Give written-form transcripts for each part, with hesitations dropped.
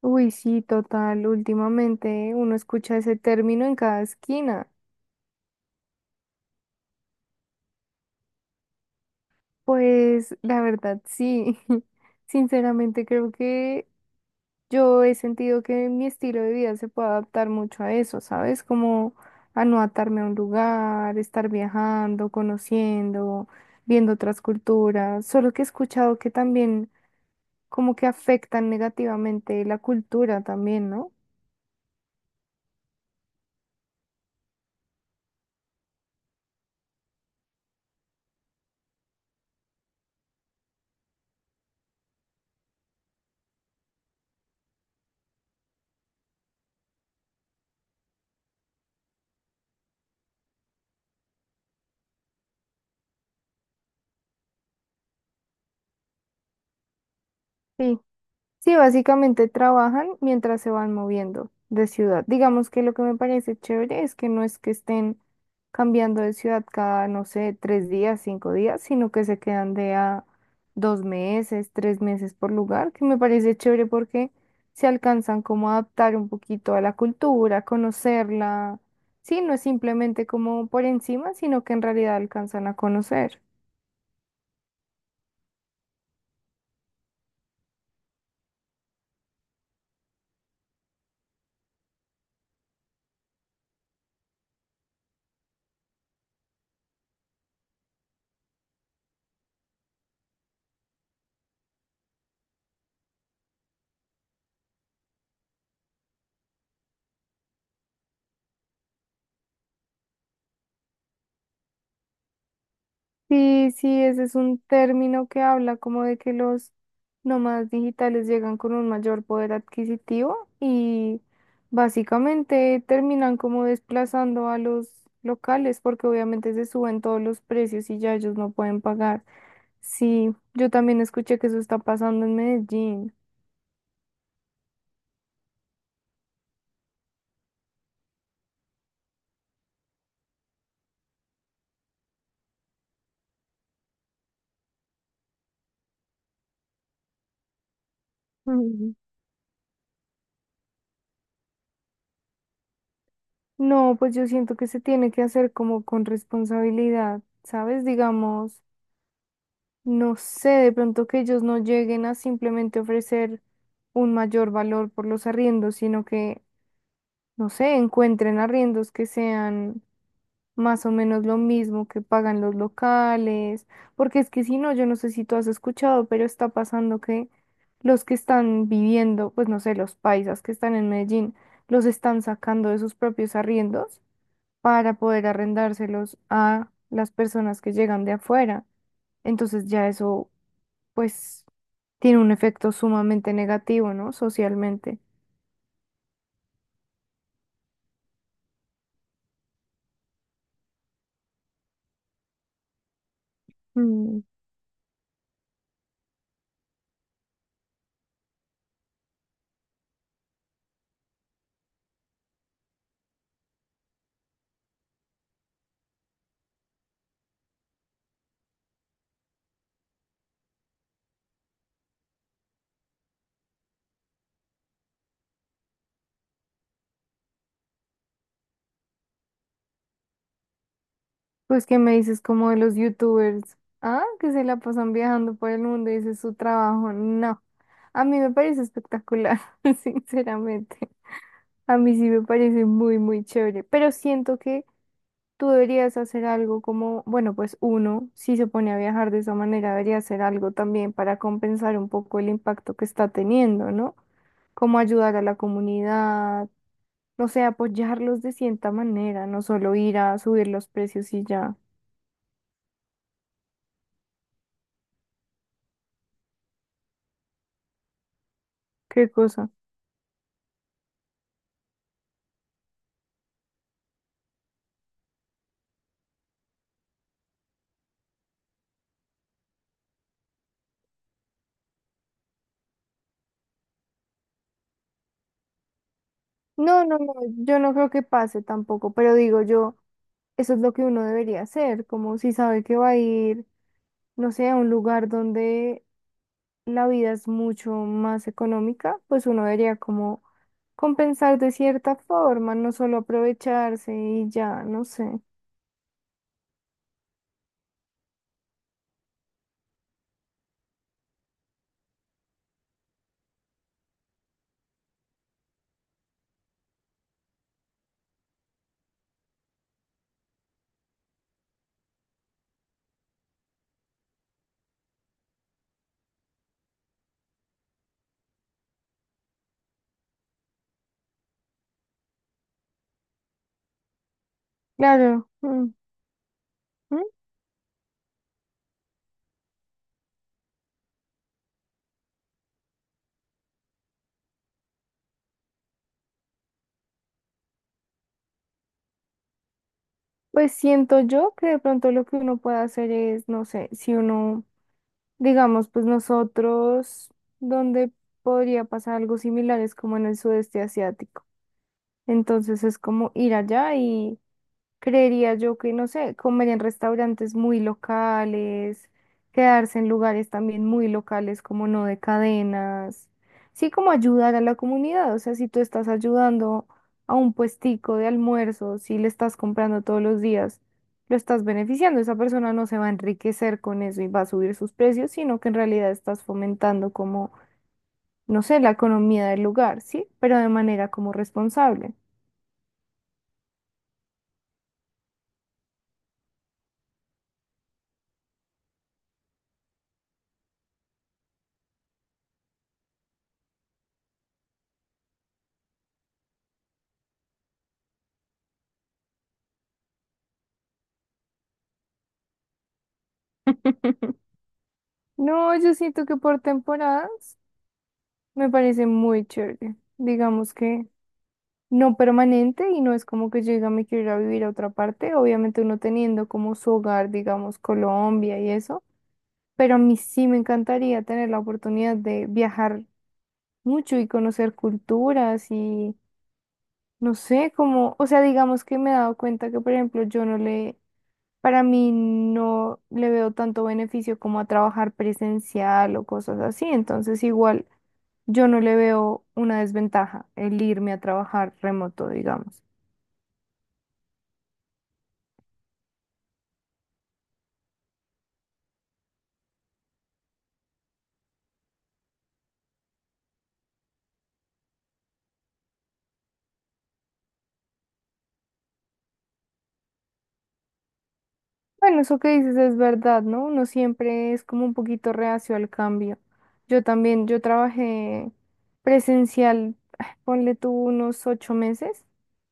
Uy, sí, total. Últimamente uno escucha ese término en cada esquina. Pues la verdad, sí. Sinceramente creo que yo he sentido que mi estilo de vida se puede adaptar mucho a eso, ¿sabes? Como a no atarme a un lugar, estar viajando, conociendo, viendo otras culturas. Solo que he escuchado que también como que afectan negativamente la cultura también, ¿no? Sí. Sí, básicamente trabajan mientras se van moviendo de ciudad. Digamos que lo que me parece chévere es que no es que estén cambiando de ciudad cada, no sé, 3 días, 5 días, sino que se quedan de a 2 meses, 3 meses por lugar, que me parece chévere porque se alcanzan como a adaptar un poquito a la cultura, conocerla. Sí, no es simplemente como por encima, sino que en realidad alcanzan a conocer. Sí, sí, ese es un término que habla como de que los nómadas digitales llegan con un mayor poder adquisitivo y básicamente terminan como desplazando a los locales porque obviamente se suben todos los precios y ya ellos no pueden pagar. Sí, yo también escuché que eso está pasando en Medellín. Mm. No, pues yo siento que se tiene que hacer como con responsabilidad, ¿sabes? Digamos. No sé, de pronto que ellos no lleguen a simplemente ofrecer un mayor valor por los arriendos, sino que, no sé, encuentren arriendos que sean más o menos lo mismo que pagan los locales, porque es que si no, yo no sé si tú has escuchado, pero está pasando que los que están viviendo, pues no sé, los paisas que están en Medellín, los están sacando de sus propios arriendos para poder arrendárselos a las personas que llegan de afuera. Entonces ya eso pues tiene un efecto sumamente negativo, ¿no? Socialmente. Mm. Pues, ¿qué me dices como de los youtubers? Ah, que se la pasan viajando por el mundo y ese es su trabajo. No, a mí me parece espectacular, sinceramente. A mí sí me parece muy, muy chévere, pero siento que tú deberías hacer algo como, bueno, pues uno, si se pone a viajar de esa manera, debería hacer algo también para compensar un poco el impacto que está teniendo, ¿no? Como ayudar a la comunidad. O sea, apoyarlos de cierta manera, no solo ir a subir los precios y ya. ¿Qué cosa? No, no, no, yo no creo que pase tampoco, pero digo yo, eso es lo que uno debería hacer, como si sabe que va a ir, no sé, a un lugar donde la vida es mucho más económica, pues uno debería como compensar de cierta forma, no solo aprovecharse y ya, no sé. Claro. Mm, mm. Pues siento yo que de pronto lo que uno puede hacer es, no sé, si uno. Digamos, pues nosotros, donde podría pasar algo similar es como en el sudeste asiático. Entonces es como ir allá. Creería yo que, no sé, comer en restaurantes muy locales, quedarse en lugares también muy locales como no de cadenas. Sí, como ayudar a la comunidad. O sea, si tú estás ayudando a un puestico de almuerzo, si le estás comprando todos los días, lo estás beneficiando. Esa persona no se va a enriquecer con eso y va a subir sus precios, sino que en realidad estás fomentando como, no sé, la economía del lugar, ¿sí? Pero de manera como responsable. No, yo siento que por temporadas. Me parece muy chévere. Digamos que no permanente y no es como que yo diga me quiero ir a vivir a otra parte. Obviamente uno teniendo como su hogar, digamos, Colombia y eso. Pero a mí sí me encantaría tener la oportunidad de viajar mucho y conocer culturas y no sé, como, o sea, digamos que me he dado cuenta que, por ejemplo, yo no le, para mí no le veo tanto beneficio como a trabajar presencial o cosas así, entonces igual yo no le veo una desventaja el irme a trabajar remoto, digamos. Bueno, eso que dices es verdad, ¿no? Uno siempre es como un poquito reacio al cambio. Yo también, yo trabajé presencial, ah, ponle tú unos 8 meses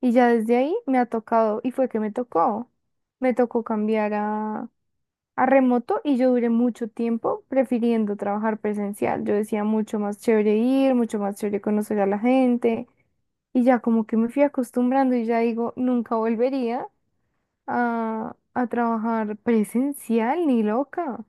y ya desde ahí me ha tocado, y fue que me tocó cambiar a remoto y yo duré mucho tiempo prefiriendo trabajar presencial. Yo decía mucho más chévere ir, mucho más chévere conocer a la gente y ya como que me fui acostumbrando y ya digo, nunca volvería a trabajar presencial ni loca.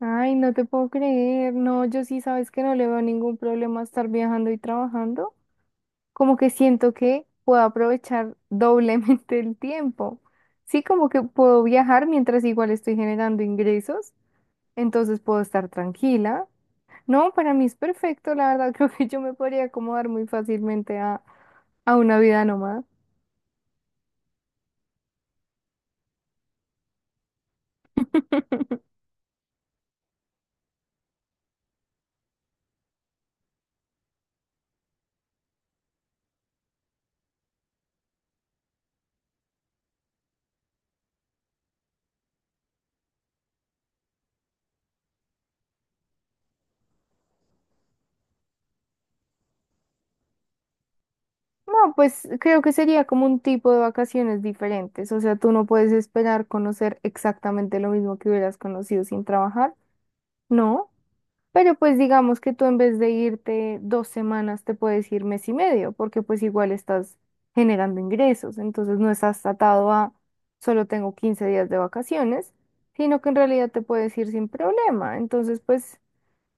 Ay, no te puedo creer. No, yo sí sabes que no le veo ningún problema a estar viajando y trabajando. Como que siento que puedo aprovechar doblemente el tiempo. Sí, como que puedo viajar mientras igual estoy generando ingresos entonces puedo estar tranquila. No, para mí es perfecto, la verdad, creo que yo me podría acomodar muy fácilmente a una vida nómada. No, pues creo que sería como un tipo de vacaciones diferentes, o sea, tú no puedes esperar conocer exactamente lo mismo que hubieras conocido sin trabajar, ¿no? Pero pues digamos que tú en vez de irte 2 semanas te puedes ir mes y medio, porque pues igual estás generando ingresos, entonces no estás atado a solo tengo 15 días de vacaciones, sino que en realidad te puedes ir sin problema, entonces pues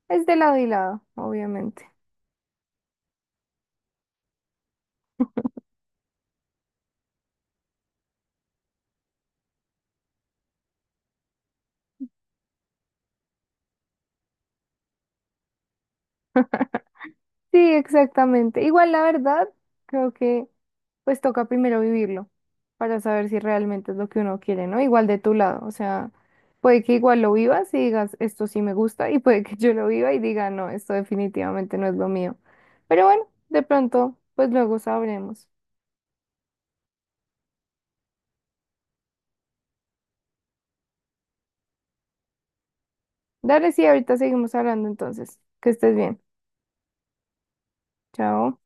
es de lado y lado, obviamente. Sí, exactamente. Igual la verdad, creo que pues toca primero vivirlo para saber si realmente es lo que uno quiere, ¿no? Igual de tu lado, o sea, puede que igual lo vivas y digas, esto sí me gusta, y puede que yo lo viva y diga, no, esto definitivamente no es lo mío. Pero bueno, de pronto, pues luego sabremos. Dale, sí, ahorita seguimos hablando entonces. Que estés bien. Chao.